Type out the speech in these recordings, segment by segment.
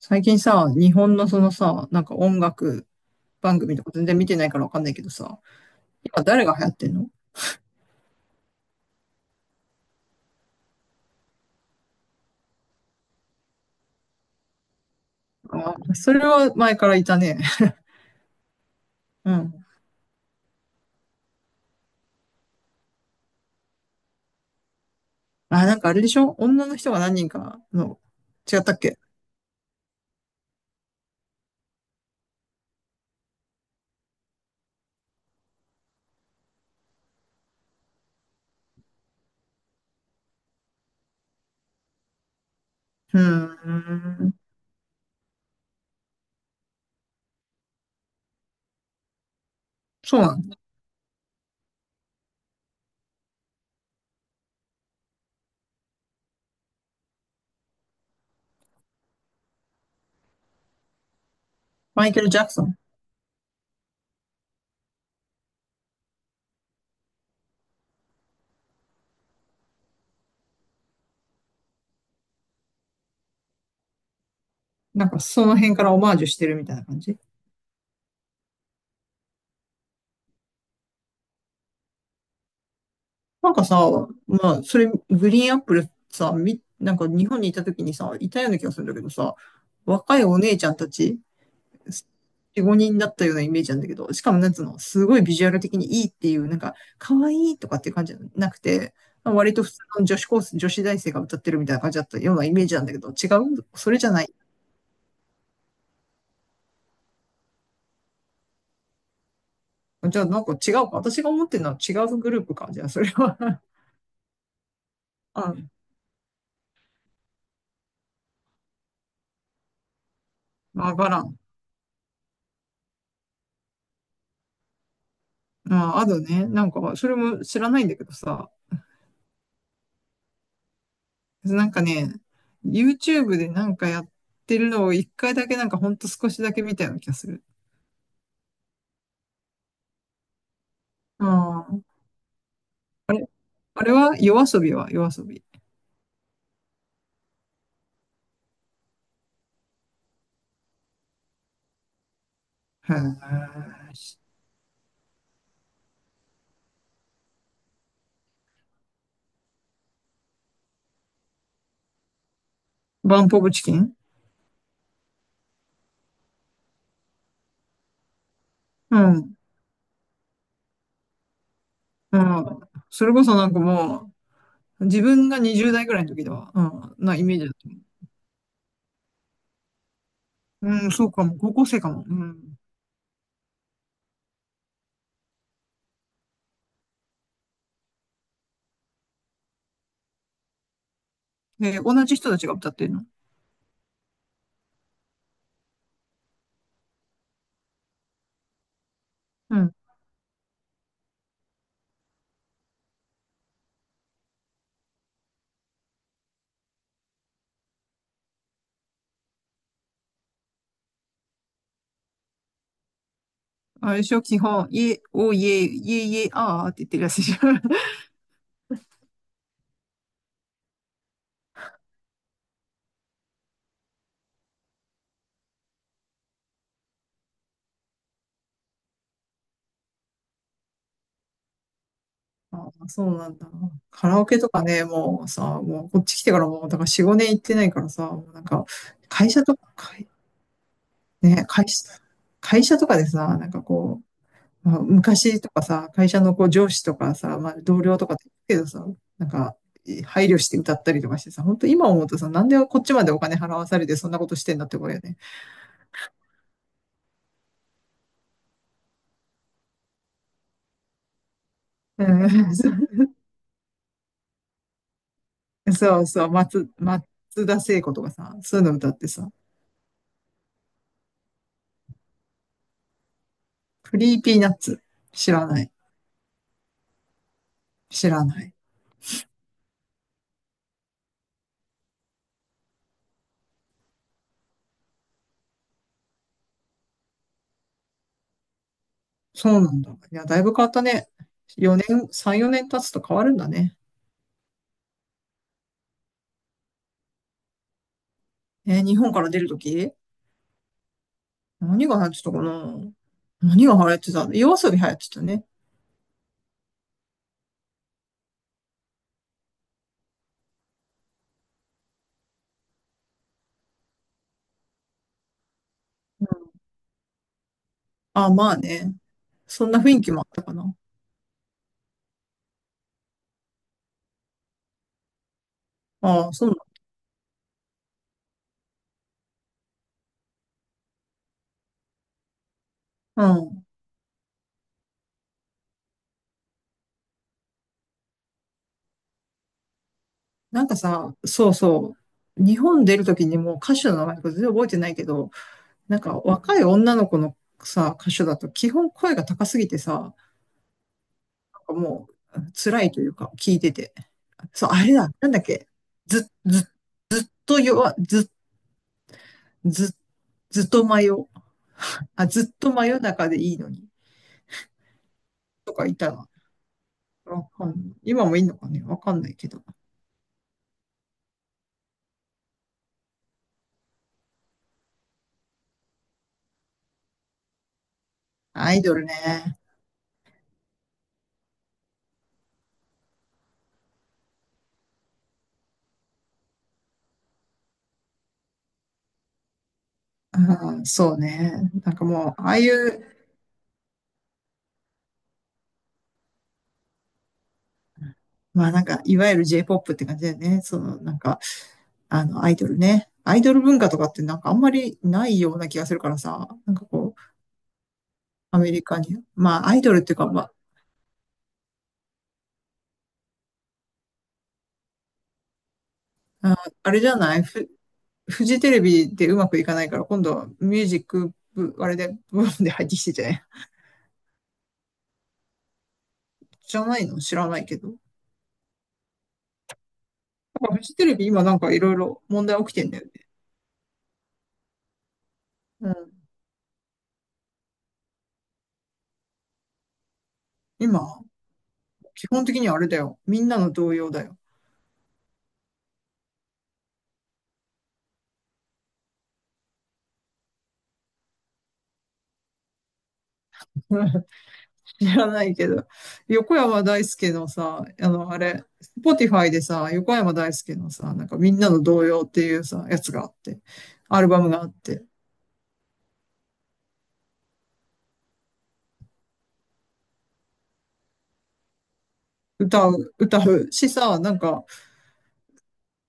最近さ、日本のそのさ、なんか音楽番組とか全然見てないからわかんないけどさ、今誰が流行ってんの？あ、それは前からいたね。うん。あ、なんかあれでしょ？女の人が何人かの、違ったっけ？うーん。そうなんだ。マイケル・ジャクソン。なんかその辺からオマージュしてるみたいな感じ？なんかさ、まあ、それ、グリーンアップルさ、なんか日本にいた時にさ、いたような気がするんだけどさ、若いお姉ちゃんたち4、5人だったようなイメージなんだけど、しかもなんつうの、すごいビジュアル的にいいっていう、なんか、可愛いとかっていう感じじゃなくて、まあ割と普通の女子高生、女子大生が歌ってるみたいな感じだったようなイメージなんだけど、違う、それじゃない。じゃあなんか違うか。私が思ってるのは違うグループか。じゃあそれは あ、わからん。まあ、あとね、なんか、それも知らないんだけどさ、なんかね、YouTube でなんかやってるのを一回だけなんかほんと少しだけ見たような気がする。ああ。あれあれは夜遊び？は夜遊び？へー。バンポブチキン？うん。うん。それこそなんかもう、自分が20代ぐらいの時では、うん、なイメージだった。うん、そうかも。高校生かも。うん。で、同じ人たちが歌ってるの？うん。あれでしょ、基本、イエ、おイエ、イエイエあーって言ってるやつでしょ？ ああ、そうなんだ。カラオケとかね、もうさ、もうこっち来てからもう、だから4、5年行ってないからさ、もうなんか、会社とか、会ね、会社、会社とかでさ、なんかこまあ、昔とかさ、会社のこう上司とかさ、まあ、同僚とかって言うけどさ、なんか、配慮して歌ったりとかしてさ、本当今思うとさ、なんでこっちまでお金払わされてそんなことしてんだってこれよね。うん。 そうそう、松田聖子とかさ、そういうの歌ってさ、クリーピーナッツ。知らない。知らない。そうなんだ。いや、だいぶ変わったね。4年、3、4年経つと変わるんだね。日本から出るとき何が流行ってたかな。何が流行ってた？夜遊び流行ってたね。あ、まあね。そんな雰囲気もあったかな。ああ、そうなの？うん。なんかさ、そうそう。日本出るときにもう歌手の名前とか全然覚えてないけど、なんか若い女の子のさ、歌手だと基本声が高すぎてさ、なんかもう辛いというか、聞いてて。そう、あれだ。なんだっけ。ず、ず、ずっと弱、ず、ず、ずっと真夜。あ、ずっと真夜中でいいのに。とかいたら。わかんない。今もいいのかね。わかんないけど。アイドルね。ああ、そうね。なんかもう、ああいう、まあなんか、いわゆる J-POP って感じだよね。その、なんか、あの、アイドルね。アイドル文化とかってなんかあんまりないような気がするからさ。なんかこう、アメリカに。まあ、アイドルっていうか、まあ、ああれじゃない？フジテレビでうまくいかないから、今度はミュージック部、あれで、部門で入ってきてじゃない？じゃないの？知らないけど。なんかフジテレビ今なんかいろいろ問題起きてんだよね。うん。今、基本的にはあれだよ。みんなの動揺だよ。知らないけど、横山大輔のさ、あの、あれ、Spotify でさ、横山大輔のさ、なんかみんなの童謡っていうさ、やつがあって、アルバムがあって、歌うしさ、なんか、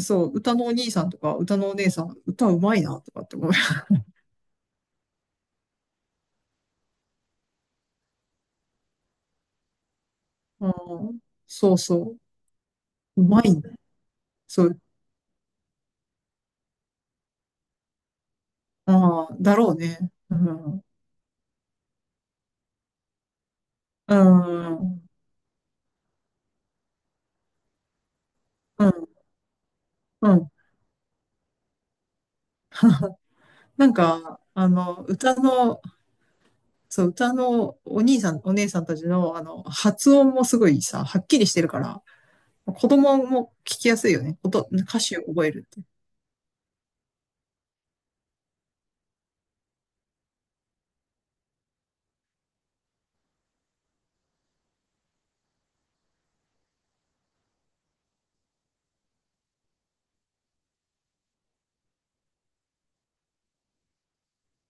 そう、歌のお兄さんとか、歌のお姉さん、歌うまいな、とかって思う。うん、そうそう、うまいんだ。そう、ああ、だろうね。うん、うん、うん、うん。なんか、あの、歌のお兄さん、お姉さんたちの、あの、発音もすごいさ、はっきりしてるから、子供も聞きやすいよね。歌詞を覚えるって。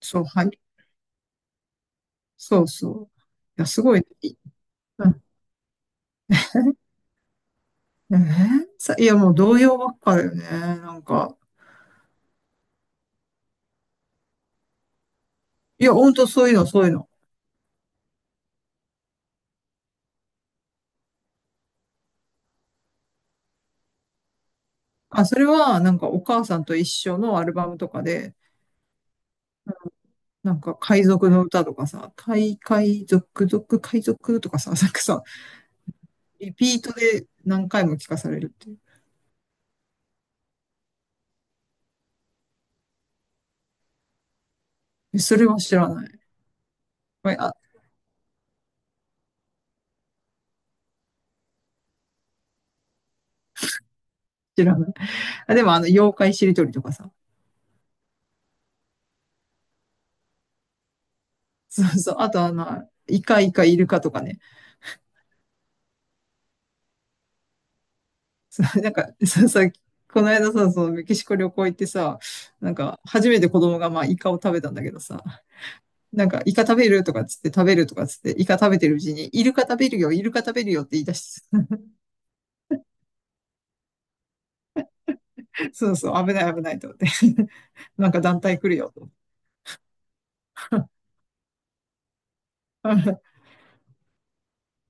そう、はい。そうそう。いや、すごいね。いうんえーさ、いや、もう童謡ばっかだよね。なんか。いや、ほんとそういうの、そういうの。あ、それは、なんか、お母さんと一緒のアルバムとかで、なんか、海賊の歌とかさ、海賊とかさ、なんかさ、リピートで何回も聞かされるっていう。それは知らない。ごめあ、知らない。あ、でもあの、妖怪しりとりとかさ。そうそう。あとあの、イカイカイルカとかね。なんか、この間さ、そのメキシコ旅行行ってさ、なんか、初めて子供がまあ、イカを食べたんだけどさ、なんか、イカ食べるとかっつって食べるとかっつって、イカ食べてるうちに、イルカ食べるよ、イルカ食べるよって言い出して、そうそう、危ない危ないと思って。なんか団体来るよと。